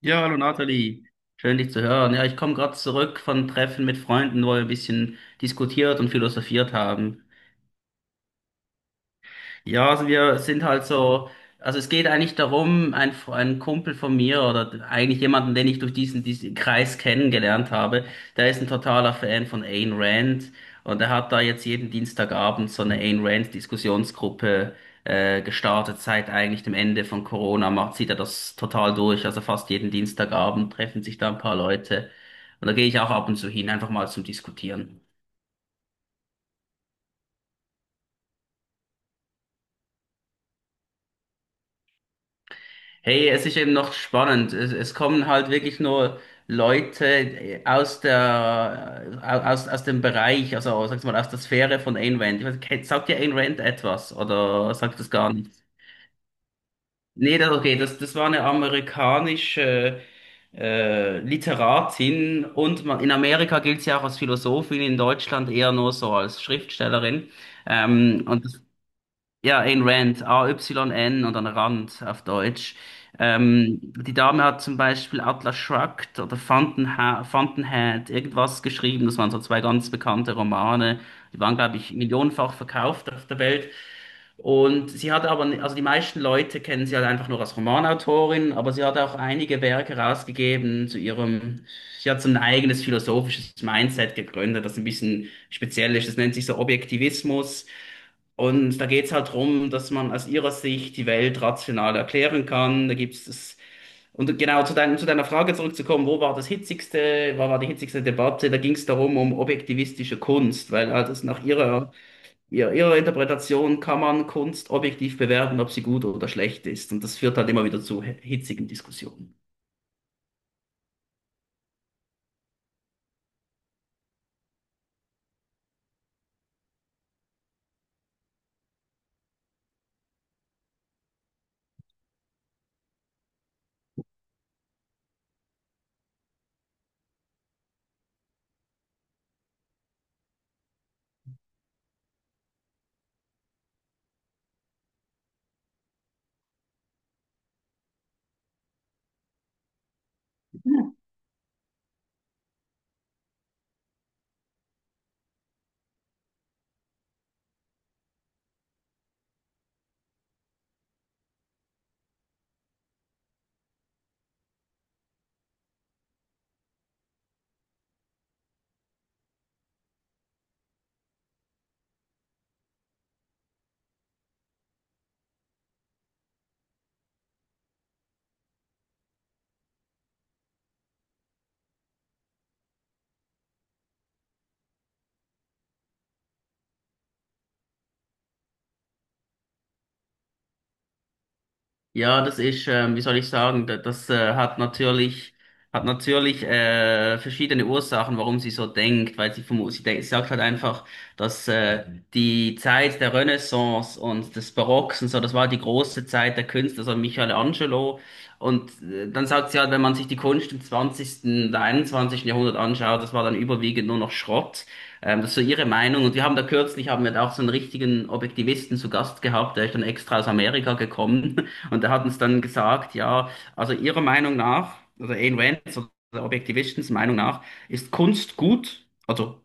Ja, hallo Nathalie, schön dich zu hören. Ja, ich komme gerade zurück von Treffen mit Freunden, wo wir ein bisschen diskutiert und philosophiert haben. Ja, also wir sind halt so, also es geht eigentlich darum, ein Kumpel von mir oder eigentlich jemanden, den ich durch diesen Kreis kennengelernt habe, der ist ein totaler Fan von Ayn Rand und er hat da jetzt jeden Dienstagabend so eine Ayn Rand Diskussionsgruppe gestartet. Seit eigentlich dem Ende von Corona macht, zieht er das total durch. Also fast jeden Dienstagabend treffen sich da ein paar Leute und da gehe ich auch ab und zu hin, einfach mal zum Diskutieren. Hey, es ist eben noch spannend. Es kommen halt wirklich nur Leute aus der, aus dem Bereich, also sag's mal, aus der Sphäre von Ayn Rand. Ich weiß, sagt dir Ayn Rand etwas oder sagt das gar nichts? Nee, okay, das war eine amerikanische Literatin und man, in Amerika gilt sie auch als Philosophin, in Deutschland eher nur so als Schriftstellerin. Und das Ja, Ayn Rand, A-Y-N und dann Rand auf Deutsch. Die Dame hat zum Beispiel Atlas Shrugged oder Fountainha Fountainhead, irgendwas geschrieben. Das waren so zwei ganz bekannte Romane. Die waren, glaube ich, millionenfach verkauft auf der Welt. Und sie hat aber, also die meisten Leute kennen sie halt einfach nur als Romanautorin, aber sie hat auch einige Werke rausgegeben zu ihrem, sie hat so ein eigenes philosophisches Mindset gegründet, das ein bisschen speziell ist. Das nennt sich so Objektivismus. Und da geht's halt drum, dass man aus ihrer Sicht die Welt rational erklären kann. Da gibt's das, und genau zu deiner Frage zurückzukommen, wo war das hitzigste, wo war die hitzigste Debatte? Da ging's darum, um objektivistische Kunst, weil halt es nach ihrer Interpretation kann man Kunst objektiv bewerten, ob sie gut oder schlecht ist. Und das führt halt immer wieder zu hitzigen Diskussionen. Ja, das ist, wie soll ich sagen, das hat natürlich verschiedene Ursachen, warum sie so denkt, weil sie, sie denkt, sie sagt halt einfach, dass die Zeit der Renaissance und des Barocks und so, das war die große Zeit der Künstler, so Michelangelo. Und dann sagt sie halt, wenn man sich die Kunst im zwanzigsten oder einundzwanzigsten Jahrhundert anschaut, das war dann überwiegend nur noch Schrott. Das ist so ihre Meinung. Und wir haben da kürzlich, haben wir da auch so einen richtigen Objektivisten zu Gast gehabt, der ist dann extra aus Amerika gekommen. Und er hat uns dann gesagt, ja, also ihrer Meinung nach, also Ayn Rands oder Objektivistens Meinung nach, ist Kunst gut, also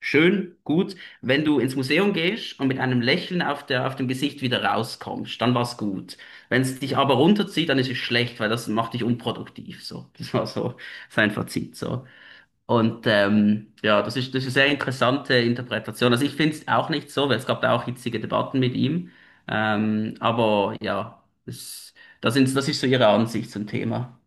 schön gut, wenn du ins Museum gehst und mit einem Lächeln auf der, auf dem Gesicht wieder rauskommst, dann war's gut. Wenn es dich aber runterzieht, dann ist es schlecht, weil das macht dich unproduktiv, so. Das war so sein Fazit, so. Und ja, das ist eine sehr interessante Interpretation. Also ich finde es auch nicht so, weil es gab da auch hitzige Debatten mit ihm. Aber ja, das, das sind, das ist so ihre Ansicht zum Thema.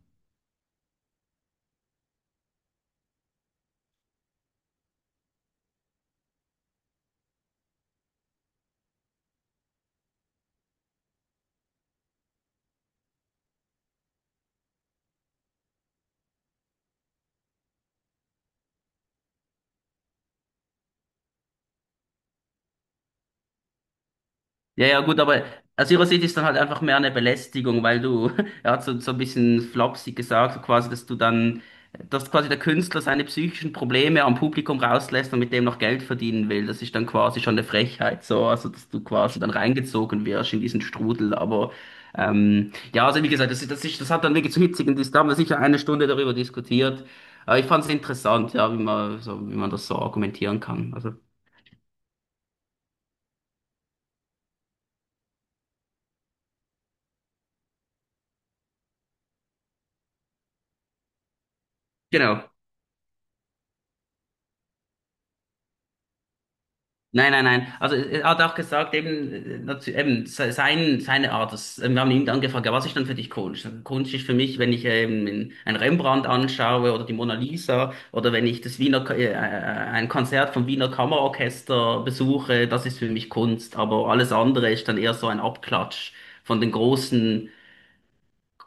Ja, ja, gut, aber aus ihrer Sicht ist dann halt einfach mehr eine Belästigung, weil du, er hat so, so ein bisschen flapsig gesagt, so quasi, dass du dann, dass quasi der Künstler seine psychischen Probleme am Publikum rauslässt und mit dem noch Geld verdienen will. Das ist dann quasi schon eine Frechheit, so, also dass du quasi dann reingezogen wirst in diesen Strudel. Aber ja, also wie gesagt, das hat dann wirklich zu hitzigen da haben wir sicher eine Stunde darüber diskutiert. Aber ich fand es interessant, ja, wie man, so, wie man das so argumentieren kann. Also, genau. Nein, nein, nein. Also er hat auch gesagt, eben, eben sein, seine Art. Wir haben ihn dann gefragt, ja, was ist dann für dich Kunst? Kunst ist für mich, wenn ich ein Rembrandt anschaue oder die Mona Lisa oder wenn ich das ein Konzert vom Wiener Kammerorchester besuche, das ist für mich Kunst. Aber alles andere ist dann eher so ein Abklatsch von den großen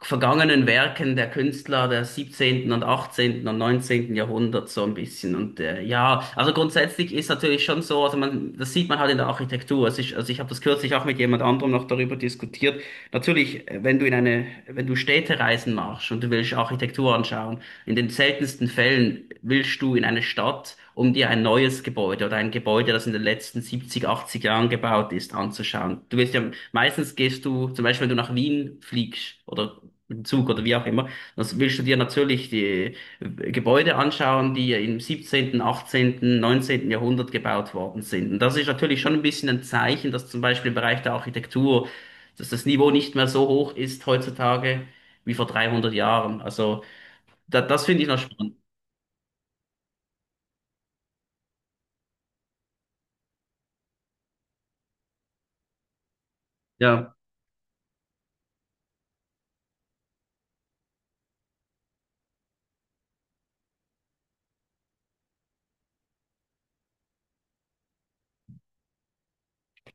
vergangenen Werken der Künstler der 17. und 18. und 19. Jahrhunderts so ein bisschen. Und ja, also grundsätzlich ist natürlich schon so, also man, das sieht man halt in der Architektur. Also ich habe das kürzlich auch mit jemand anderem noch darüber diskutiert. Natürlich, wenn du in eine, wenn du Städtereisen machst und du willst Architektur anschauen, in den seltensten Fällen willst du in eine Stadt, um dir ein neues Gebäude oder ein Gebäude, das in den letzten 70, 80 Jahren gebaut ist, anzuschauen. Du willst ja, meistens gehst du, zum Beispiel wenn du nach Wien fliegst oder im Zug oder wie auch immer, das willst du dir natürlich die Gebäude anschauen, die ja im 17., 18., 19. Jahrhundert gebaut worden sind. Und das ist natürlich schon ein bisschen ein Zeichen, dass zum Beispiel im Bereich der Architektur, dass das Niveau nicht mehr so hoch ist heutzutage wie vor 300 Jahren. Also da, das finde ich noch spannend. Ja,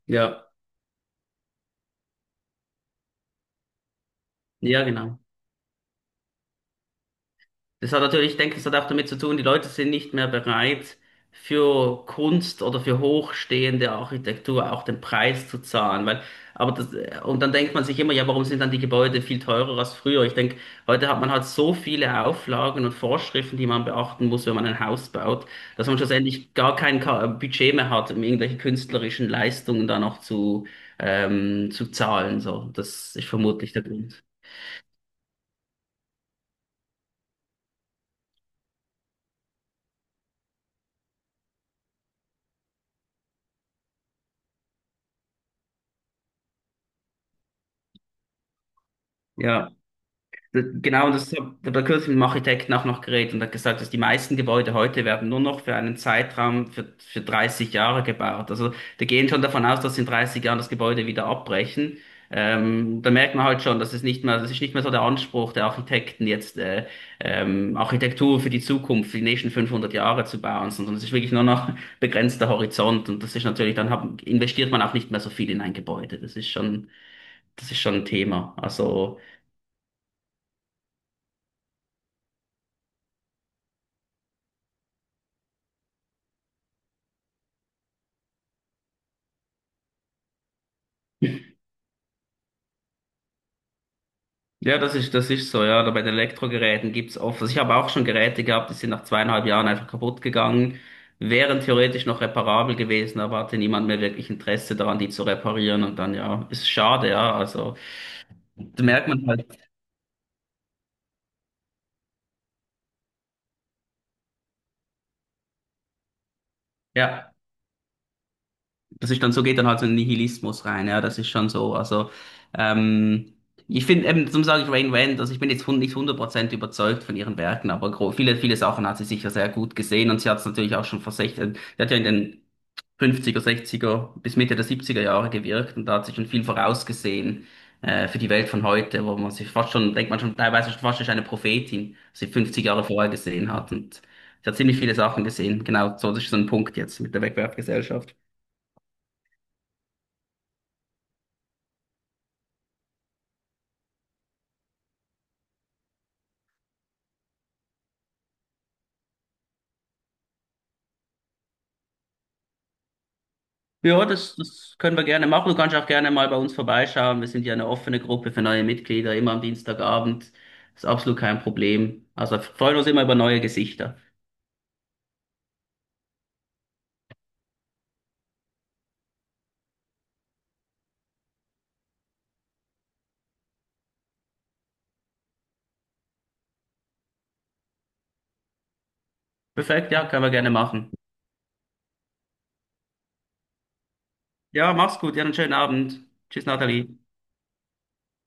ja, ja, genau. Das hat natürlich, ich denke, das hat auch damit zu tun, die Leute sind nicht mehr bereit, für Kunst oder für hochstehende Architektur auch den Preis zu zahlen. Weil, aber das, und dann denkt man sich immer, ja, warum sind dann die Gebäude viel teurer als früher? Ich denke, heute hat man halt so viele Auflagen und Vorschriften, die man beachten muss, wenn man ein Haus baut, dass man schlussendlich gar kein Budget mehr hat, um irgendwelche künstlerischen Leistungen da noch zu zahlen. So, das ist vermutlich der Grund. Ja. Genau, das habe ich bei kürzlich mit dem Architekten auch noch geredet und er hat gesagt, dass die meisten Gebäude heute werden nur noch für einen Zeitraum für 30 Jahre gebaut. Also die gehen schon davon aus, dass in 30 Jahren das Gebäude wieder abbrechen. Da merkt man halt schon, dass es nicht mehr, das ist nicht mehr so der Anspruch der Architekten jetzt Architektur für die Zukunft, für die nächsten 500 Jahre zu bauen, sondern es ist wirklich nur noch begrenzter Horizont und das ist natürlich, investiert man auch nicht mehr so viel in ein Gebäude. Das ist schon ein Thema. Also ja, das ist so, ja. Oder bei den Elektrogeräten gibt's oft. Also ich habe auch schon Geräte gehabt, die sind nach 2,5 Jahren einfach kaputt gegangen, wären theoretisch noch reparabel gewesen, aber hatte niemand mehr wirklich Interesse daran, die zu reparieren. Und dann, ja, ist schade, ja. Also, da merkt man halt, ja. Das ist dann so, geht dann halt so ein Nihilismus rein, ja, das ist schon so. Also, ähm, ich finde eben, zum sagen, ich Rain Rand, also ich bin jetzt nicht 100% überzeugt von ihren Werken, aber viele Sachen hat sie sicher sehr gut gesehen und sie hat es natürlich auch schon vor 16, sie hat ja in den 50er, 60er bis Mitte der 70er Jahre gewirkt und da hat sich schon viel vorausgesehen für die Welt von heute, wo man sich fast schon, denkt man schon teilweise schon fast schon ist eine Prophetin, was sie 50 Jahre vorher gesehen hat und sie hat ziemlich viele Sachen gesehen. Genau, so das ist so ein Punkt jetzt mit der Wegwerfgesellschaft. Ja, das, das können wir gerne machen. Du kannst auch gerne mal bei uns vorbeischauen. Wir sind ja eine offene Gruppe für neue Mitglieder, immer am Dienstagabend. Ist absolut kein Problem. Also freuen uns immer über neue Gesichter. Perfekt, ja, können wir gerne machen. Ja, mach's gut, ja, einen schönen Abend. Tschüss, Nathalie.